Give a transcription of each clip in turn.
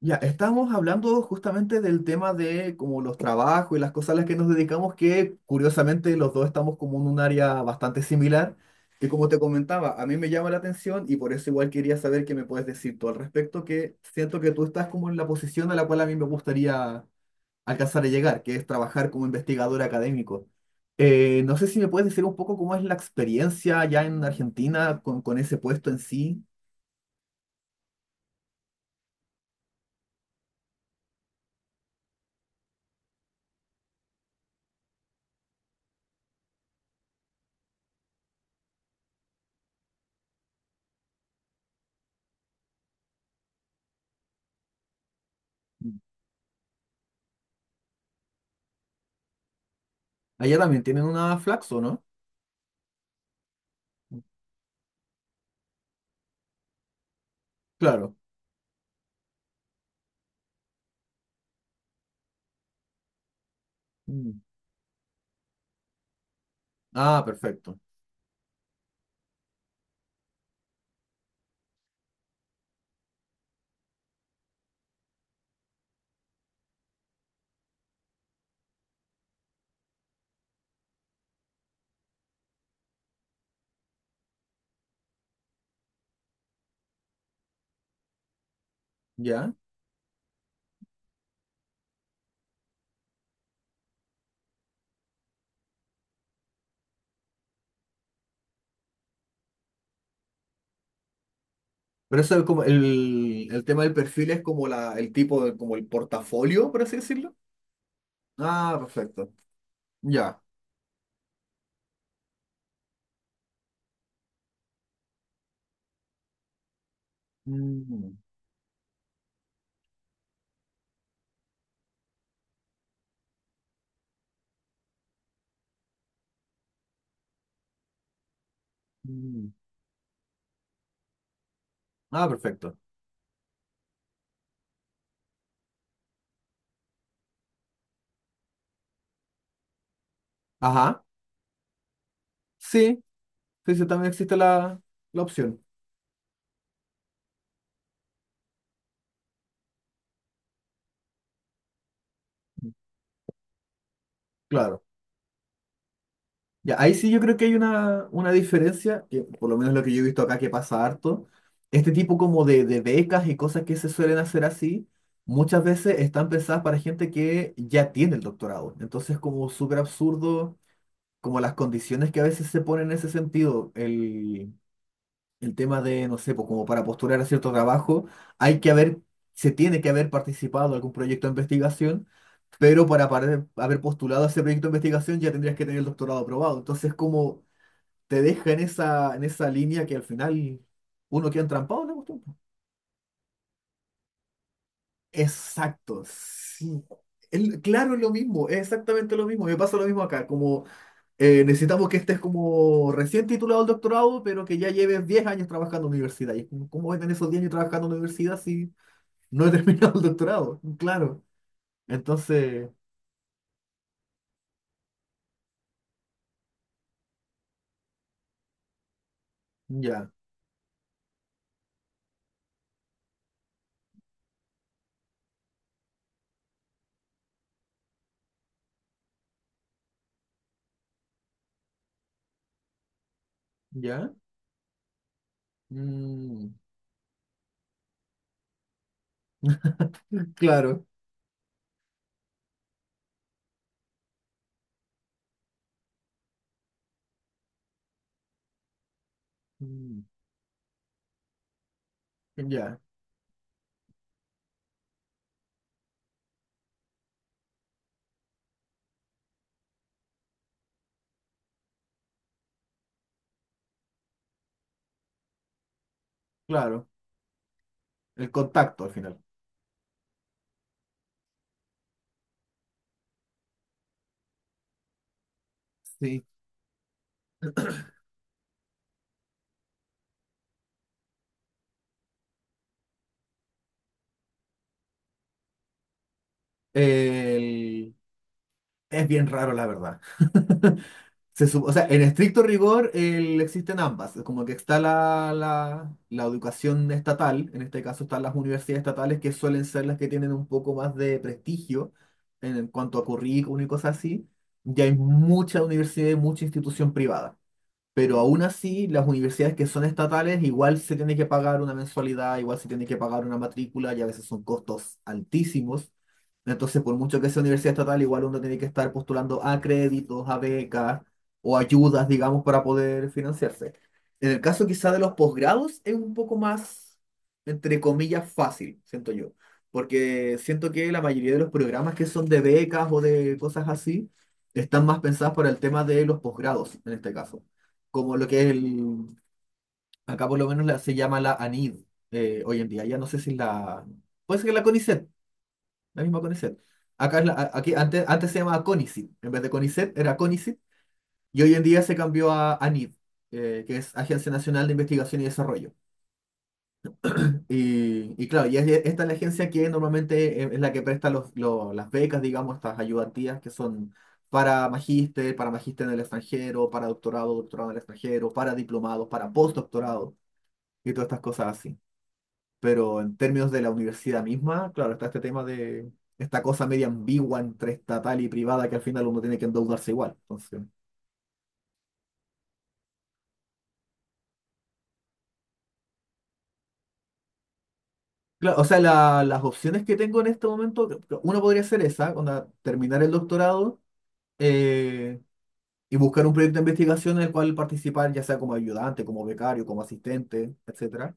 Ya, estamos hablando justamente del tema de como los trabajos y las cosas a las que nos dedicamos, que curiosamente los dos estamos como en un área bastante similar, que como te comentaba, a mí me llama la atención y por eso igual quería saber qué me puedes decir tú al respecto, que siento que tú estás como en la posición a la cual a mí me gustaría alcanzar a llegar, que es trabajar como investigador académico. No sé si me puedes decir un poco cómo es la experiencia allá en Argentina con ese puesto en sí. Allá también tienen una Flaxo, ¿no? Claro. Ah, perfecto. Ya. Pero eso es como el tema del perfil es como el tipo de, como el portafolio, por así decirlo. Ah, perfecto. Ya. Mm, mm. Ah, perfecto. Ajá. Sí, sí, sí, también existe la opción. Claro. Ya, ahí sí yo creo que hay una diferencia, que por lo menos lo que yo he visto acá que pasa harto. Este tipo como de, becas y cosas que se suelen hacer así, muchas veces están pensadas para gente que ya tiene el doctorado. Entonces, como súper absurdo como las condiciones que a veces se ponen en ese sentido, el tema de, no sé, pues como para postular a cierto trabajo, hay que haber, se tiene que haber participado en algún proyecto de investigación, pero para haber postulado a ese proyecto de investigación ya tendrías que tener el doctorado aprobado. Entonces, como te deja en esa línea que al final uno queda entrampado en la. Exacto, sí. Claro, es lo mismo, es exactamente lo mismo. Me pasa lo mismo acá, como necesitamos que estés como recién titulado al doctorado, pero que ya lleves 10 años trabajando en la universidad. Y es como, ¿cómo voy a tener esos 10 años trabajando en la universidad si no he terminado el doctorado? Claro. Entonces, ya, ya. Mm, claro. Mm, ya, claro. El contacto al final. Sí. El- Es bien raro, la verdad. O sea, en estricto rigor existen ambas. Es como que está la, la educación estatal, en este caso están las universidades estatales, que suelen ser las que tienen un poco más de prestigio en, cuanto a currículum y cosas así. Y hay mucha universidad y mucha institución privada. Pero aún así, las universidades que son estatales igual se tiene que pagar una mensualidad, igual se tiene que pagar una matrícula y a veces son costos altísimos. Entonces, por mucho que sea universidad estatal, igual uno tiene que estar postulando a créditos, a becas o ayudas, digamos, para poder financiarse. En el caso quizá de los posgrados es un poco más, entre comillas, fácil, siento yo, porque siento que la mayoría de los programas que son de becas o de cosas así están más pensadas para el tema de los posgrados, en este caso como lo que es acá por lo menos se llama la ANID hoy en día. Ya no sé si puede ser que la CONICET, la misma CONICET. Acá es aquí antes se llamaba CONICIT, en vez de CONICET era CONICIT y hoy en día se cambió a ANID, que es Agencia Nacional de Investigación y Desarrollo. Y, y claro, y esta es la agencia que normalmente es la que presta las becas, digamos, estas ayudantías que son para magíster en el extranjero, para doctorado, doctorado en el extranjero, para diplomados, para postdoctorado. Y todas estas cosas así. Pero en términos de la universidad misma, claro, está este tema de esta cosa media ambigua entre estatal y privada que al final uno tiene que endeudarse igual. Entonces, claro, o sea, las opciones que tengo en este momento, que uno podría ser esa, onda, terminar el doctorado eh, y buscar un proyecto de investigación en el cual participar, ya sea como ayudante, como becario, como asistente, etc.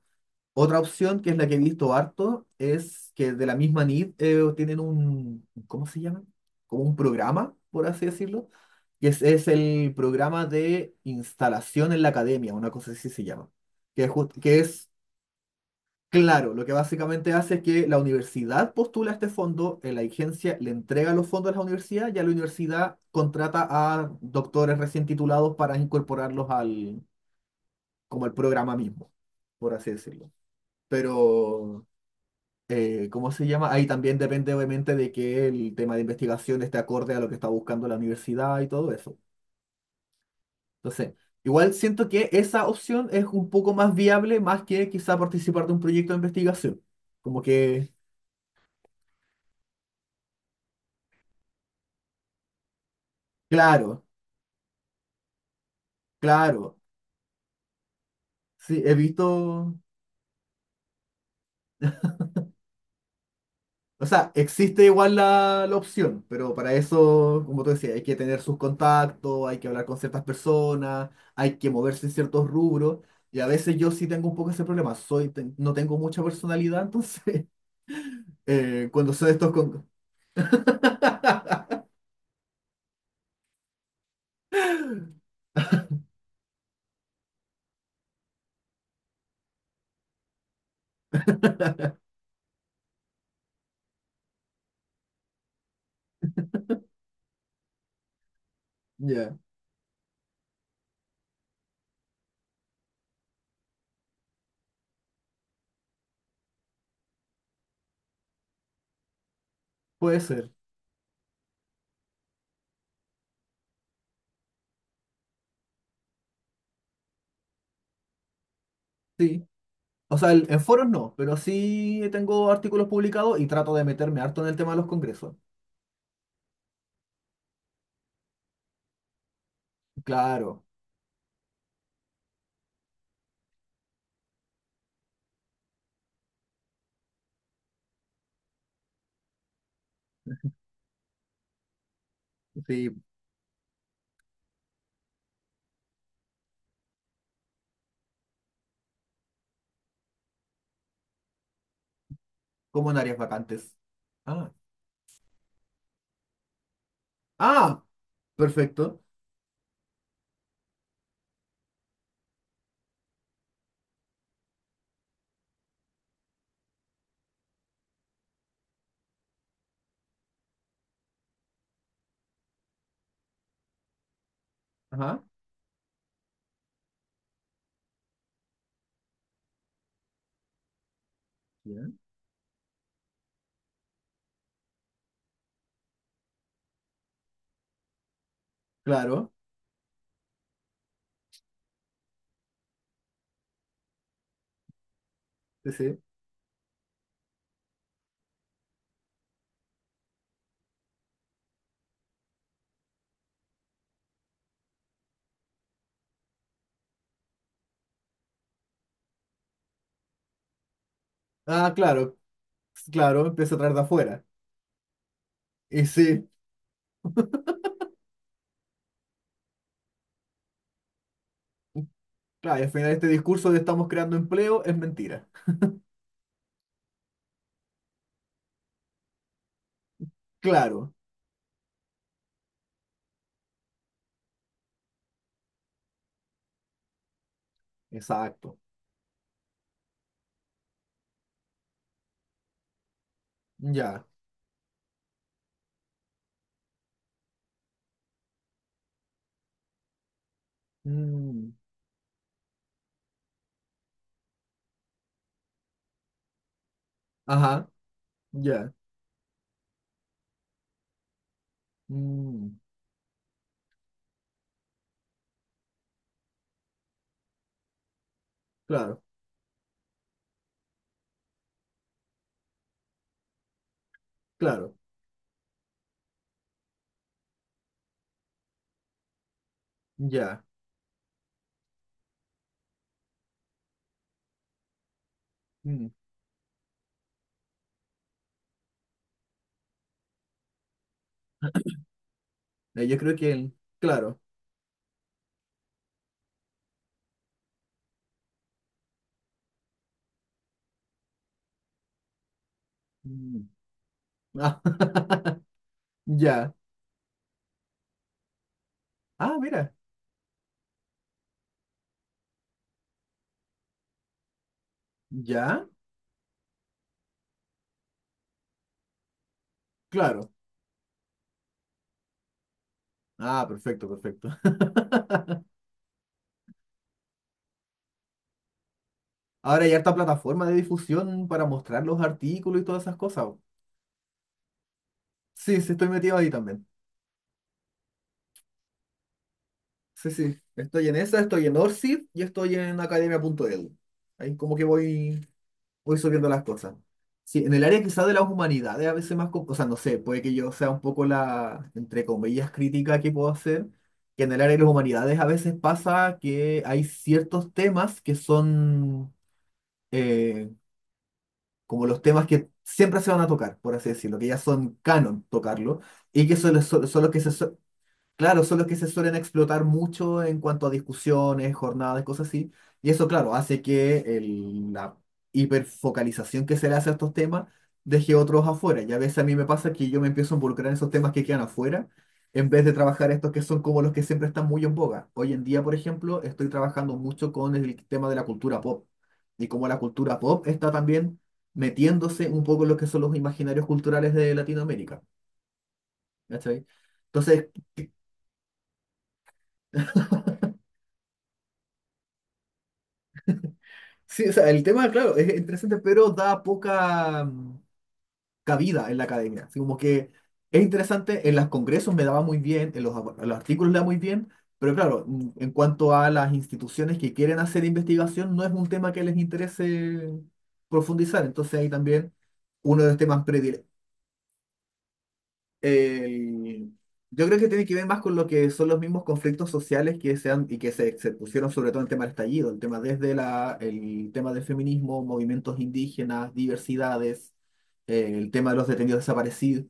Otra opción, que es la que he visto harto, es que de la misma NID tienen un, ¿cómo se llama? Como un programa, por así decirlo, que es el programa de instalación en la academia, una cosa así se llama, que es, jus- que es claro, lo que básicamente hace es que la universidad postula este fondo, la agencia le entrega los fondos a la universidad, y a la universidad contrata a doctores recién titulados para incorporarlos al, como al programa mismo, por así decirlo. Pero ¿cómo se llama? Ahí también depende obviamente de que el tema de investigación esté acorde a lo que está buscando la universidad y todo eso. Entonces, igual siento que esa opción es un poco más viable más que quizá participar de un proyecto de investigación. Como que, claro, claro. Sí, he visto. O sea, existe igual la opción, pero para eso, como tú decías, hay que tener sus contactos, hay que hablar con ciertas personas, hay que moverse en ciertos rubros. Y a veces yo sí tengo un poco ese problema. No tengo mucha personalidad, entonces, cuando soy de estos con... Ya, puede ser, sí. O sea, en foros no, pero sí tengo artículos publicados y trato de meterme harto en el tema de los congresos. Claro, sí, como en áreas vacantes. Ah, ah, perfecto. Ajá, ya, claro. Sí, sí. Ah, claro, claro, empieza a traer de afuera. Y sí, claro, y al final este discurso de estamos creando empleo es mentira. Claro, exacto. Ya. Mm, ajá, ya. Mm, claro, claro, ya. Mm, yo creo que el, claro. Mm, ah, ya. Ah, mira, ya, claro. Ah, perfecto, perfecto. Ahora hay harta plataforma de difusión para mostrar los artículos y todas esas cosas. Sí, sí, estoy metido ahí también. Sí, sí. Estoy en esa, estoy en Orsid y estoy en academia.edu. Ahí como que voy subiendo las cosas. Sí, en el área quizá de las humanidades, a veces más, o sea, no sé, puede que yo sea un poco la, entre comillas, crítica que puedo hacer, que en el área de las humanidades a veces pasa que hay ciertos temas que son eh, como los temas que siempre se van a tocar, por así decirlo, que ya son canon tocarlo, son los que se. Claro, son los que se suelen explotar mucho en cuanto a discusiones, jornadas, cosas así. Y eso, claro, hace que la hiperfocalización que se le hace a estos temas deje otros afuera. Y a veces a mí me pasa que yo me empiezo a involucrar en esos temas que quedan afuera, en vez de trabajar estos que son como los que siempre están muy en boga. Hoy en día, por ejemplo, estoy trabajando mucho con el tema de la cultura pop. Y como la cultura pop está también metiéndose un poco en lo que son los imaginarios culturales de Latinoamérica. ¿Cachai? Entonces... Sí, o sea, el tema, claro, es interesante, pero da poca cabida en la academia. Así como que es interesante, en los congresos me daba muy bien, en los artículos le da muy bien, pero claro, en cuanto a las instituciones que quieren hacer investigación, no es un tema que les interese profundizar. Entonces ahí también uno de los temas predilectos eh, yo creo que tiene que ver más con lo que son los mismos conflictos sociales que se han, y que se pusieron sobre todo en el tema del estallido, el tema el tema del feminismo, movimientos indígenas, diversidades, el tema de los detenidos desaparecidos.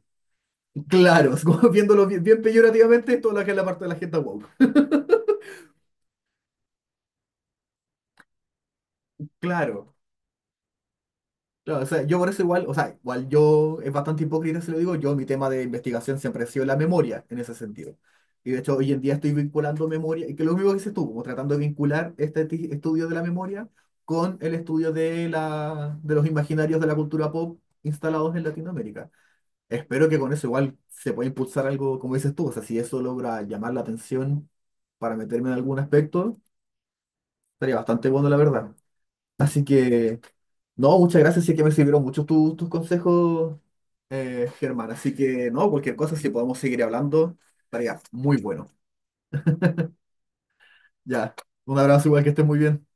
Claro, es como viéndolo bien, bien peyorativamente, todo lo que es la parte de la gente woke. Claro. Claro, o sea, yo por eso igual, o sea, igual yo es bastante hipócrita si lo digo, yo mi tema de investigación siempre ha sido la memoria en ese sentido. Y de hecho hoy en día estoy vinculando memoria, y que lo mismo que dices tú, como tratando de vincular este estudio de la memoria con el estudio de los imaginarios de la cultura pop instalados en Latinoamérica. Espero que con eso igual se pueda impulsar algo, como dices tú, o sea, si eso logra llamar la atención para meterme en algún aspecto, estaría bastante bueno, la verdad. Así que... No, muchas gracias, sí que me sirvieron mucho tus consejos, Germán. Así que, no, cualquier cosa, si podemos seguir hablando, estaría muy bueno. Ya, un abrazo igual que estés muy bien.